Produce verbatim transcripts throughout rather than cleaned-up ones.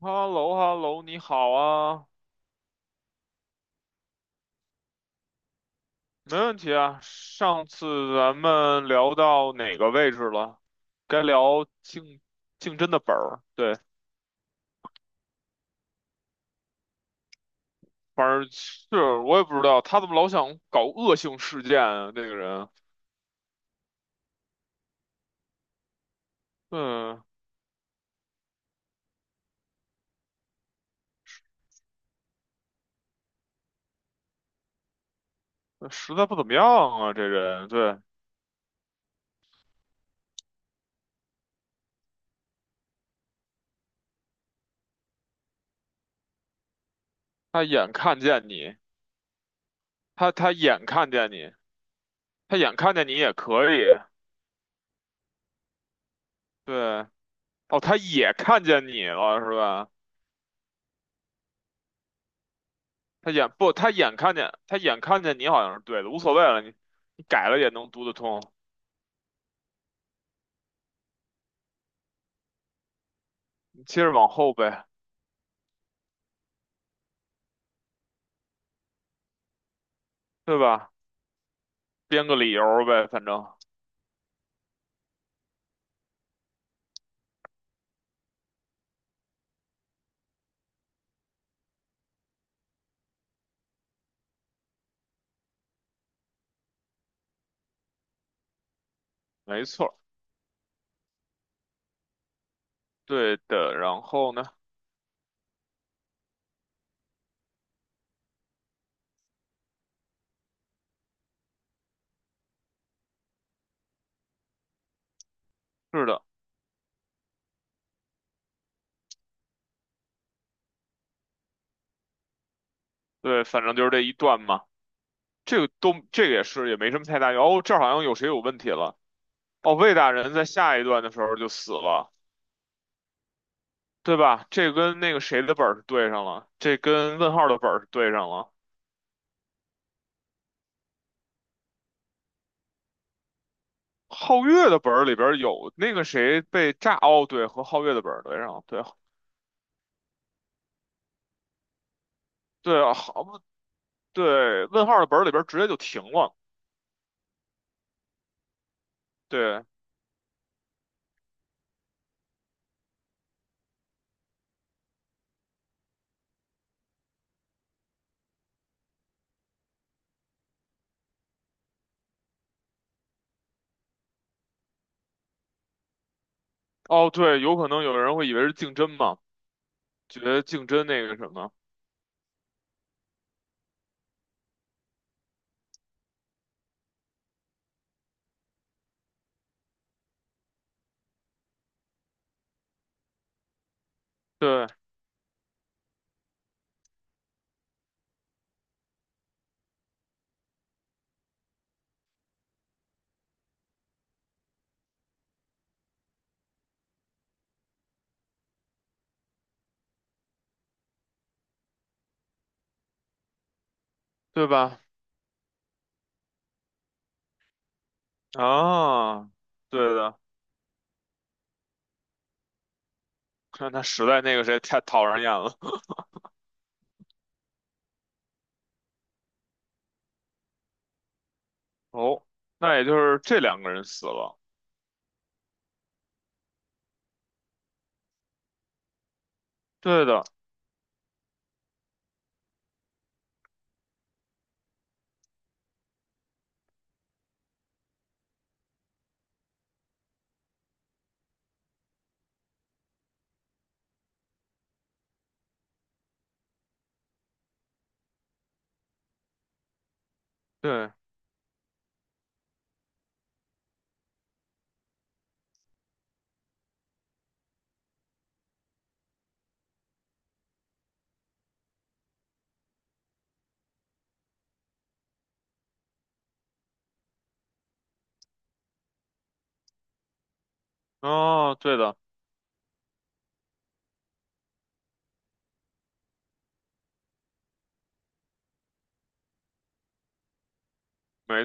h e l l o h e l l o 你好啊，没问题啊。上次咱们聊到哪个位置了？该聊竞竞争的本儿，对，反正是我也不知道他怎么老想搞恶性事件啊，这个人，嗯，实在不怎么样啊，这人，对，他眼看见你，他他眼看见你，他眼看见你也可以，对，哦，他也看见你了，是吧？他眼不，他眼看见，他眼看见你好像是对的，无所谓了，你你改了也能读得通，你接着往后呗，对吧？编个理由儿呗，反正没错儿对的。然后呢，是的，对，反正就是这一段嘛。这个都这个也是也没什么太大用。哦，这儿好像有谁有问题了。哦，魏大人在下一段的时候就死了，对吧？这跟那个谁的本儿是对上了，这跟问号的本儿是对上了。皓月的本儿里边儿有那个谁被炸，哦，对，和皓月的本儿对上了，对，对啊，好不对，问号的本儿里边儿直接就停了。对，哦对，有可能有人会以为是竞争嘛，觉得竞争那个什么，对对吧？啊，对的，看他实在那个谁太讨人厌了。哦，那也就是这两个人死了。对的，对，哦，对的，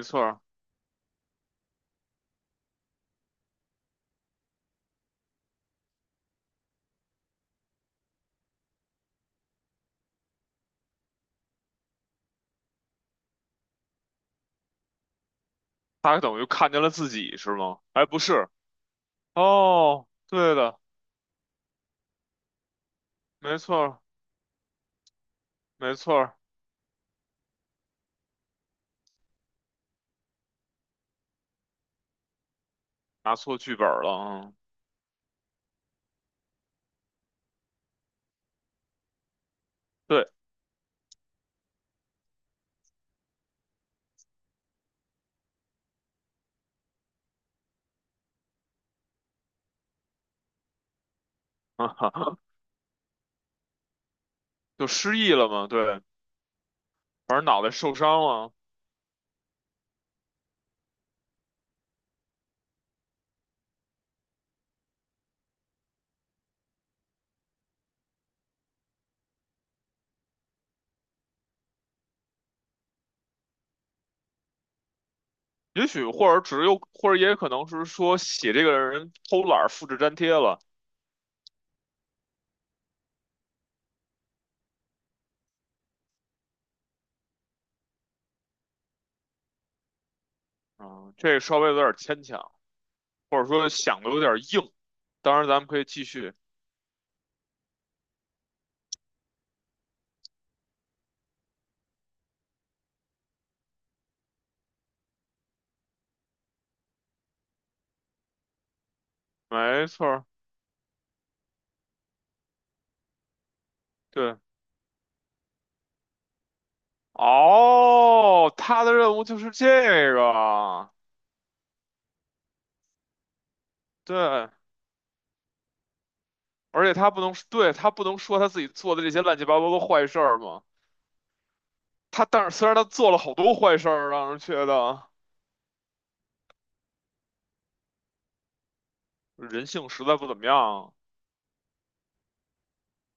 没错儿，他等于看见了自己是吗？哎，不是，哦，对的，没错儿，没错儿，拿错剧本儿了，嗯，对，就失忆了嘛，对，反正脑袋受伤了，也许或者只有，或者也可能是说写这个人偷懒儿复制粘贴了，嗯，这个稍微有点牵强，或者说想的有点硬。当然，咱们可以继续，没错儿对，哦，他的任务就是这个，对，而且他不能，对，他不能说他自己做的这些乱七八糟的坏事儿嘛，他但是虽然他做了好多坏事儿，让人觉得人性实在不怎么样，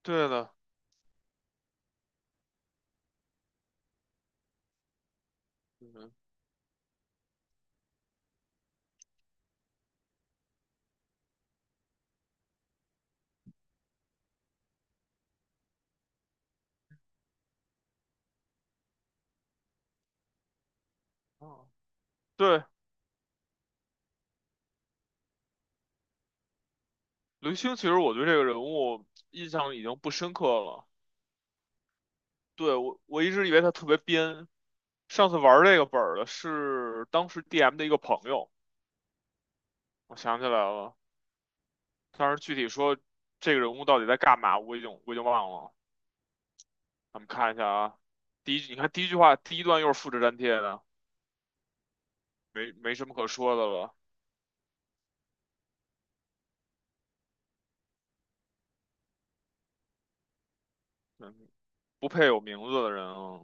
对的。嗯哦，对，刘星，其实我对这个人物印象已经不深刻了。对，我，我一直以为他特别编。上次玩这个本儿的是当时 D M 的一个朋友，我想起来了。但是具体说这个人物到底在干嘛，我已经我已经忘了。咱们看一下啊，第一句你看第一句话，第一段又是复制粘贴的，没没什么可说的了。嗯，不配有名字的人啊，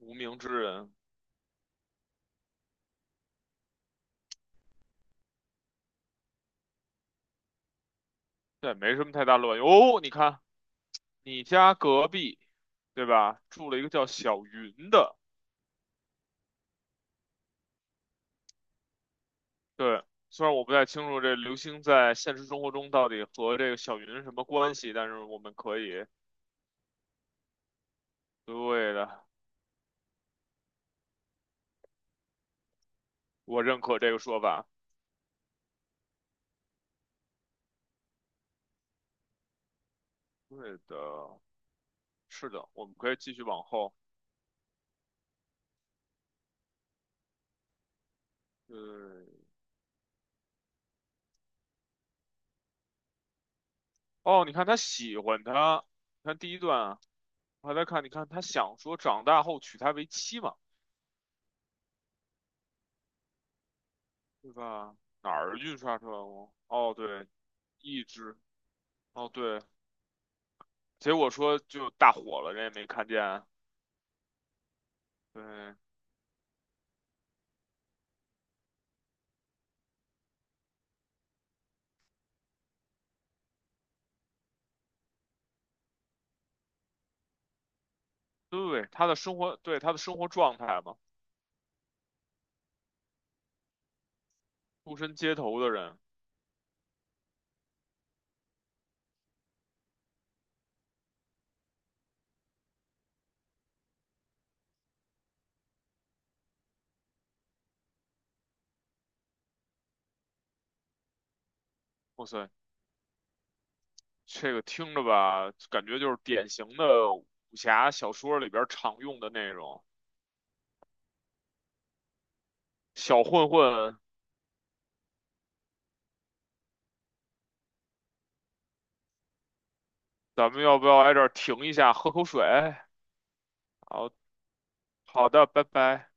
无名之人，这也没什么太大卵用。哦，你看。你家隔壁，对吧？住了一个叫小云的，对。虽然我不太清楚这刘星在现实生活中到底和这个小云什么关系，但是我们可以，对的，我认可这个说法。对的，是的，我们可以继续往后。对，哦，你看他喜欢他，你看第一段啊，我还在看，你看他想说长大后娶她为妻嘛，对吧？哪儿印刷出来了？哦，对，一志，哦，对。结果说就大火了，人也没看见啊。嗯对对，他的生活，对他的生活状态嘛，出身街头的人，哇塞，这个听着吧，感觉就是典型的武侠小说里边常用的内容。小混混，咱们要不要挨这儿停一下，喝口水？好好的，拜拜。